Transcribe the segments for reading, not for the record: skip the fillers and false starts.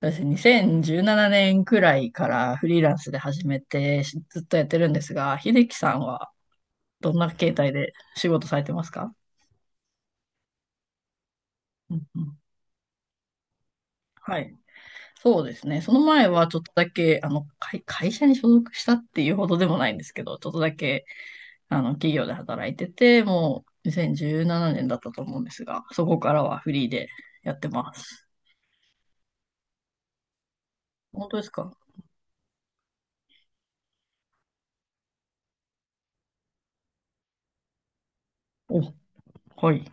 そうですね。2017年くらいからフリーランスで始めてずっとやってるんですが、秀樹さんはどんな形態で仕事されてますか？うんうん。はい。そうですね。その前はちょっとだけ、あの、会社に所属したっていうほどでもないんですけど、ちょっとだけ、あの、企業で働いてて、もう2017年だったと思うんですが、そこからはフリーでやってます。本当ですか？お、はい。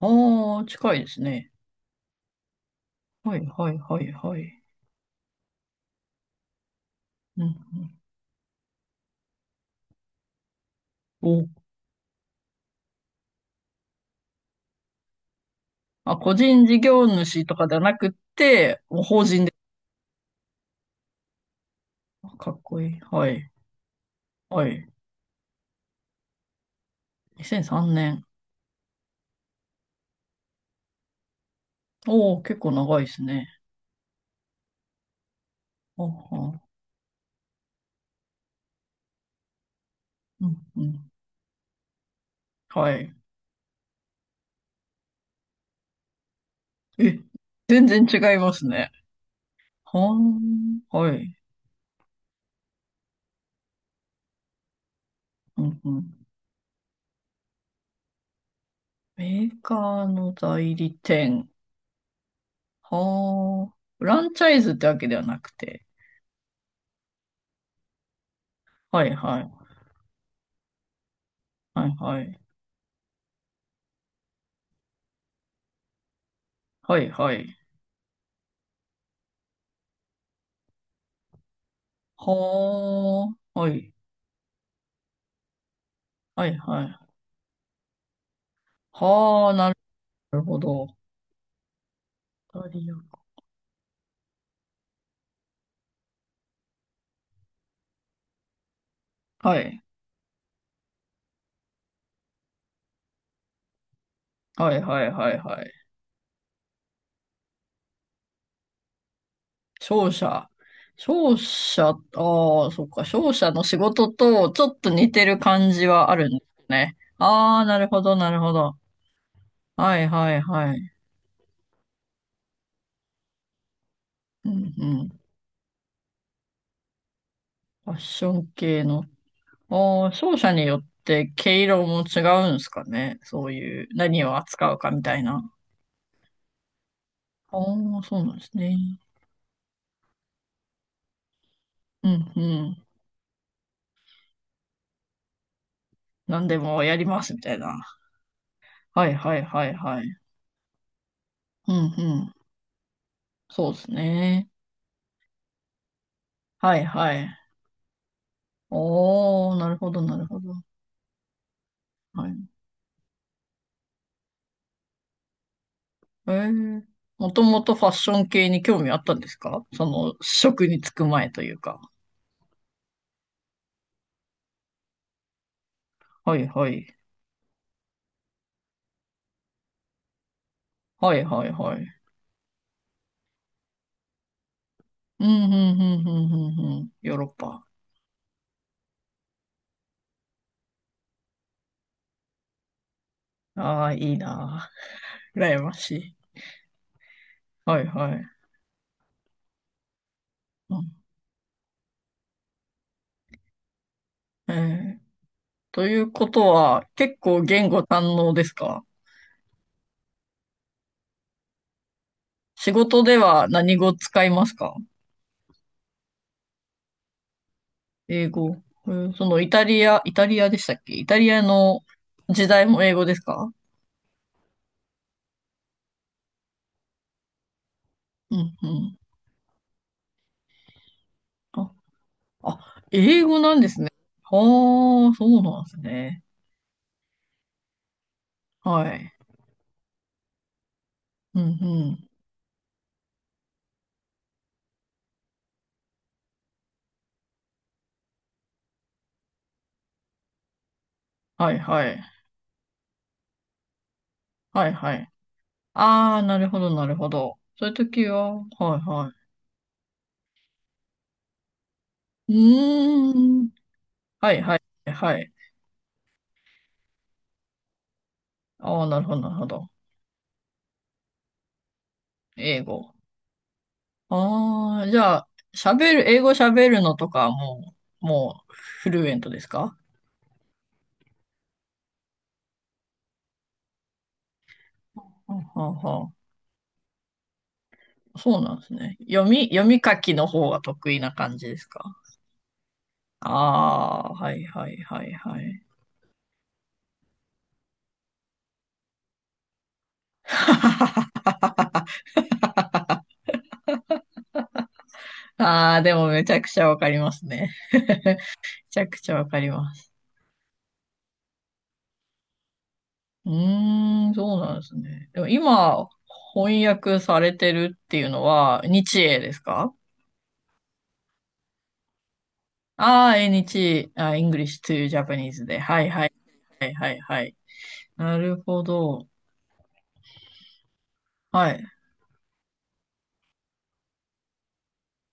ああ、近いですね。はい、はい、はい、はい。うんうん。まあ、個人事業主とかではなくて、もう法人で。かっこいい。はい。はい。2003年。おお、結構長いですね。はあ。うんうん。はい。え、全然違いますね。はん。はい。うんうん。メーカーの代理店。はあ。フランチャイズってわけではなくて。はいはい。はいはい。はいはい。はあ。はい。はいはい。はあ、なるほど。イタリア。はい。はいはいはいはい。商社。商社、ああ、そっか。商社の仕事とちょっと似てる感じはあるんですね。ああ、なるほど、なるほど。はいはいはい。うんうん。ファッション系の。ああ、商社によって毛色も違うんですかね。そういう、何を扱うかみたいな。ああ、そうなんですね。うんうん。何でもやりますみたいな。はいはいはいはい。うんうん。そうですね。はいはい。おー、なるほど、なるほど。はい。えー、もともとファッション系に興味あったんですか？その、職に就く前というか。はい、はい。はい、はい、はい。うん、うん、うん、うん、うん、うん。ヨーロッパ。ああ、いいなあ。羨ましい。はい、はい。うん、えー、ということは、結構言語堪能ですか？仕事では何語使いますか？英語。えーそのイタリアでしたっけ、イタリアの時代も英語ですか？うんうん。あ、あ、英語なんですね。はあ、そうなんですね。はい。うん、うん。はい、はい。はい、はい。ああ、なるほど、なるほど。そういう時は、はい、はい。うーん。はい、はい、はい。ああ、なるほど、なるほど。英語。ああ、じゃあ、喋る、英語喋るのとかはもう、もう、フルエントですか？はあ、はあ、はあ。そうなんですね。読み書きの方が得意な感じですか？ああ、はい、はい、はい、はい。ああ、でもめちゃくちゃわかりますね。めちゃくちゃわかります。うーん、そうなんですね。でも今、翻訳されてるっていうのは、日英ですか？ああー、英日、あ、English to Japanese で。はいはい。はいはいはい。なるほど。はい。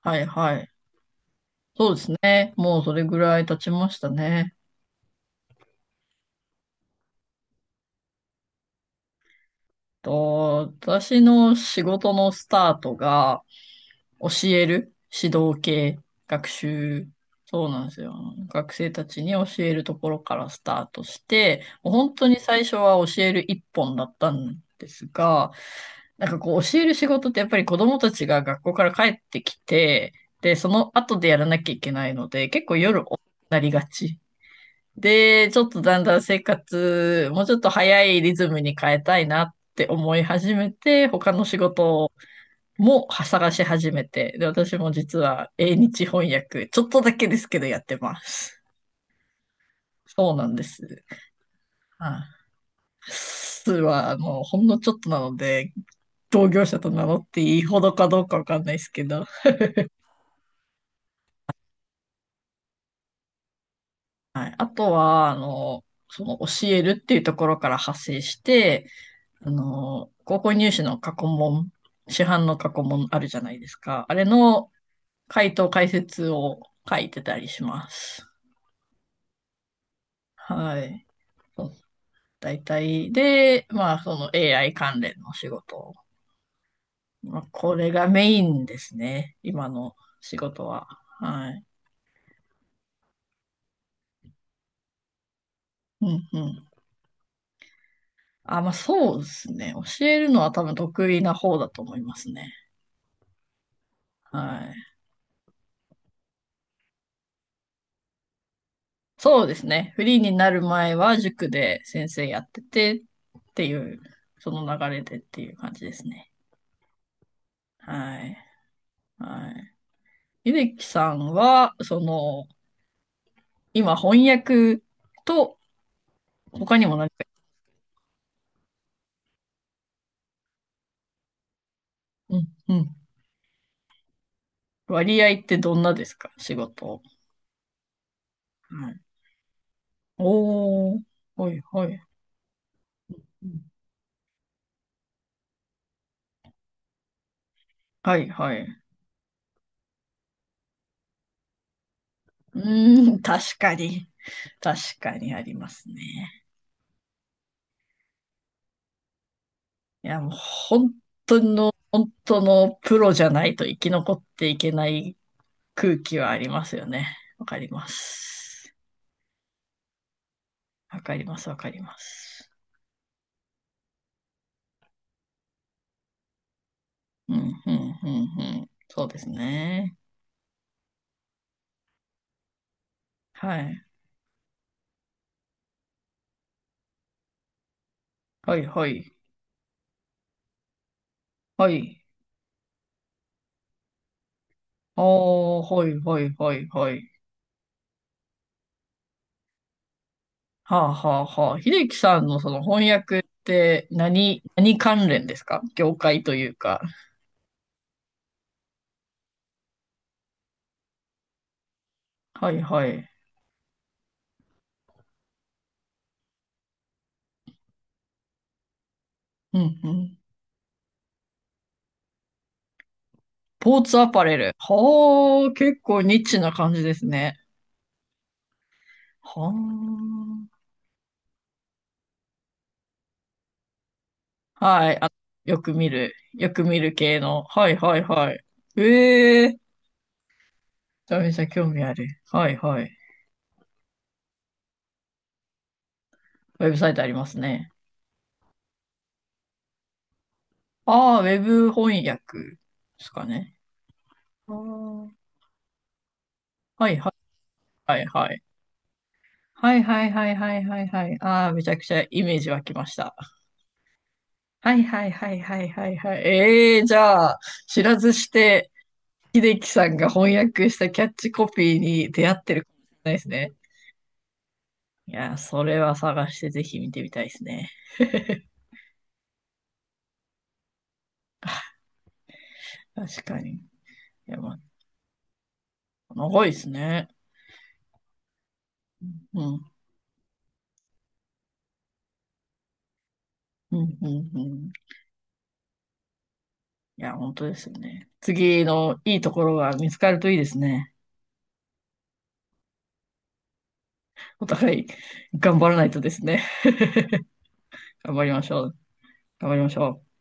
はいはい。そうですね。もうそれぐらい経ちましたね。と、私の仕事のスタートが、教える指導系、学習、そうなんですよ。学生たちに教えるところからスタートして、もう本当に最初は教える一本だったんですが、なんかこう教える仕事ってやっぱり子供たちが学校から帰ってきて、で、その後でやらなきゃいけないので、結構夜遅くなりがち。で、ちょっとだんだん生活、もうちょっと早いリズムに変えたいなって思い始めて、他の仕事も探し始めて、で、私も実は英日翻訳、ちょっとだけですけどやってます。そうなんです。はい。数は、あの、ほんのちょっとなので、同業者と名乗っていいほどかどうかわかんないですけど、はい。あとは、あの、その教えるっていうところから派生して、あの、高校入試の過去問、市販の過去問あるじゃないですか。あれの回答解説を書いてたりします。はい。そ大体で、まあ、その AI 関連の仕事。まあ、これがメインですね。今の仕事は。はい。うんうん。あ、まあ、そうですね。教えるのは多分得意な方だと思いますね。はい。そうですね。フリーになる前は塾で先生やっててっていう、その流れでっていう感じですね。はい。はい。秀樹さんは、その、今翻訳と他にも何か、うん、うん、割合ってどんなですか？仕事。はい。おー、はいはい。うん。はいはい。うーん、確かに。確かにありますね。いや、もう本当の、本当のプロじゃないと生き残っていけない空気はありますよね。わかります。わかります、わかります。うん、うん、うん、うん。そうですね。はい。はいはい。はい。おー、はいはいはいはい。はあはあはあ。秀樹さんのその翻訳って何、何関連ですか？業界というか。はいはい。うんうん。ポーツアパレル。はあ、結構ニッチな感じですね。はあ。はい。あ、よく見る。よく見る系の。はいはいはい。ええー。めちゃめちゃ興味ある。はいはい。ウェブサイトありますね。ああ、ウェブ翻訳ですかね。ああ、はいはいはいはい。はいはいはいはいはいはい。ああ、めちゃくちゃイメージ湧きました。はいはいはいはいはいはい。ええー、じゃあ、知らずして、秀樹さんが翻訳したキャッチコピーに出会ってるかもしれないですね。いやー、それは探してぜひ見てみたいですね。確かに。いや、まあ、長いですね。うん、うん、うん、うん。いや、本当ですよね。次のいいところが見つかるといいですね。お互い頑張らないとですね。頑張りましょう。頑張りましょう。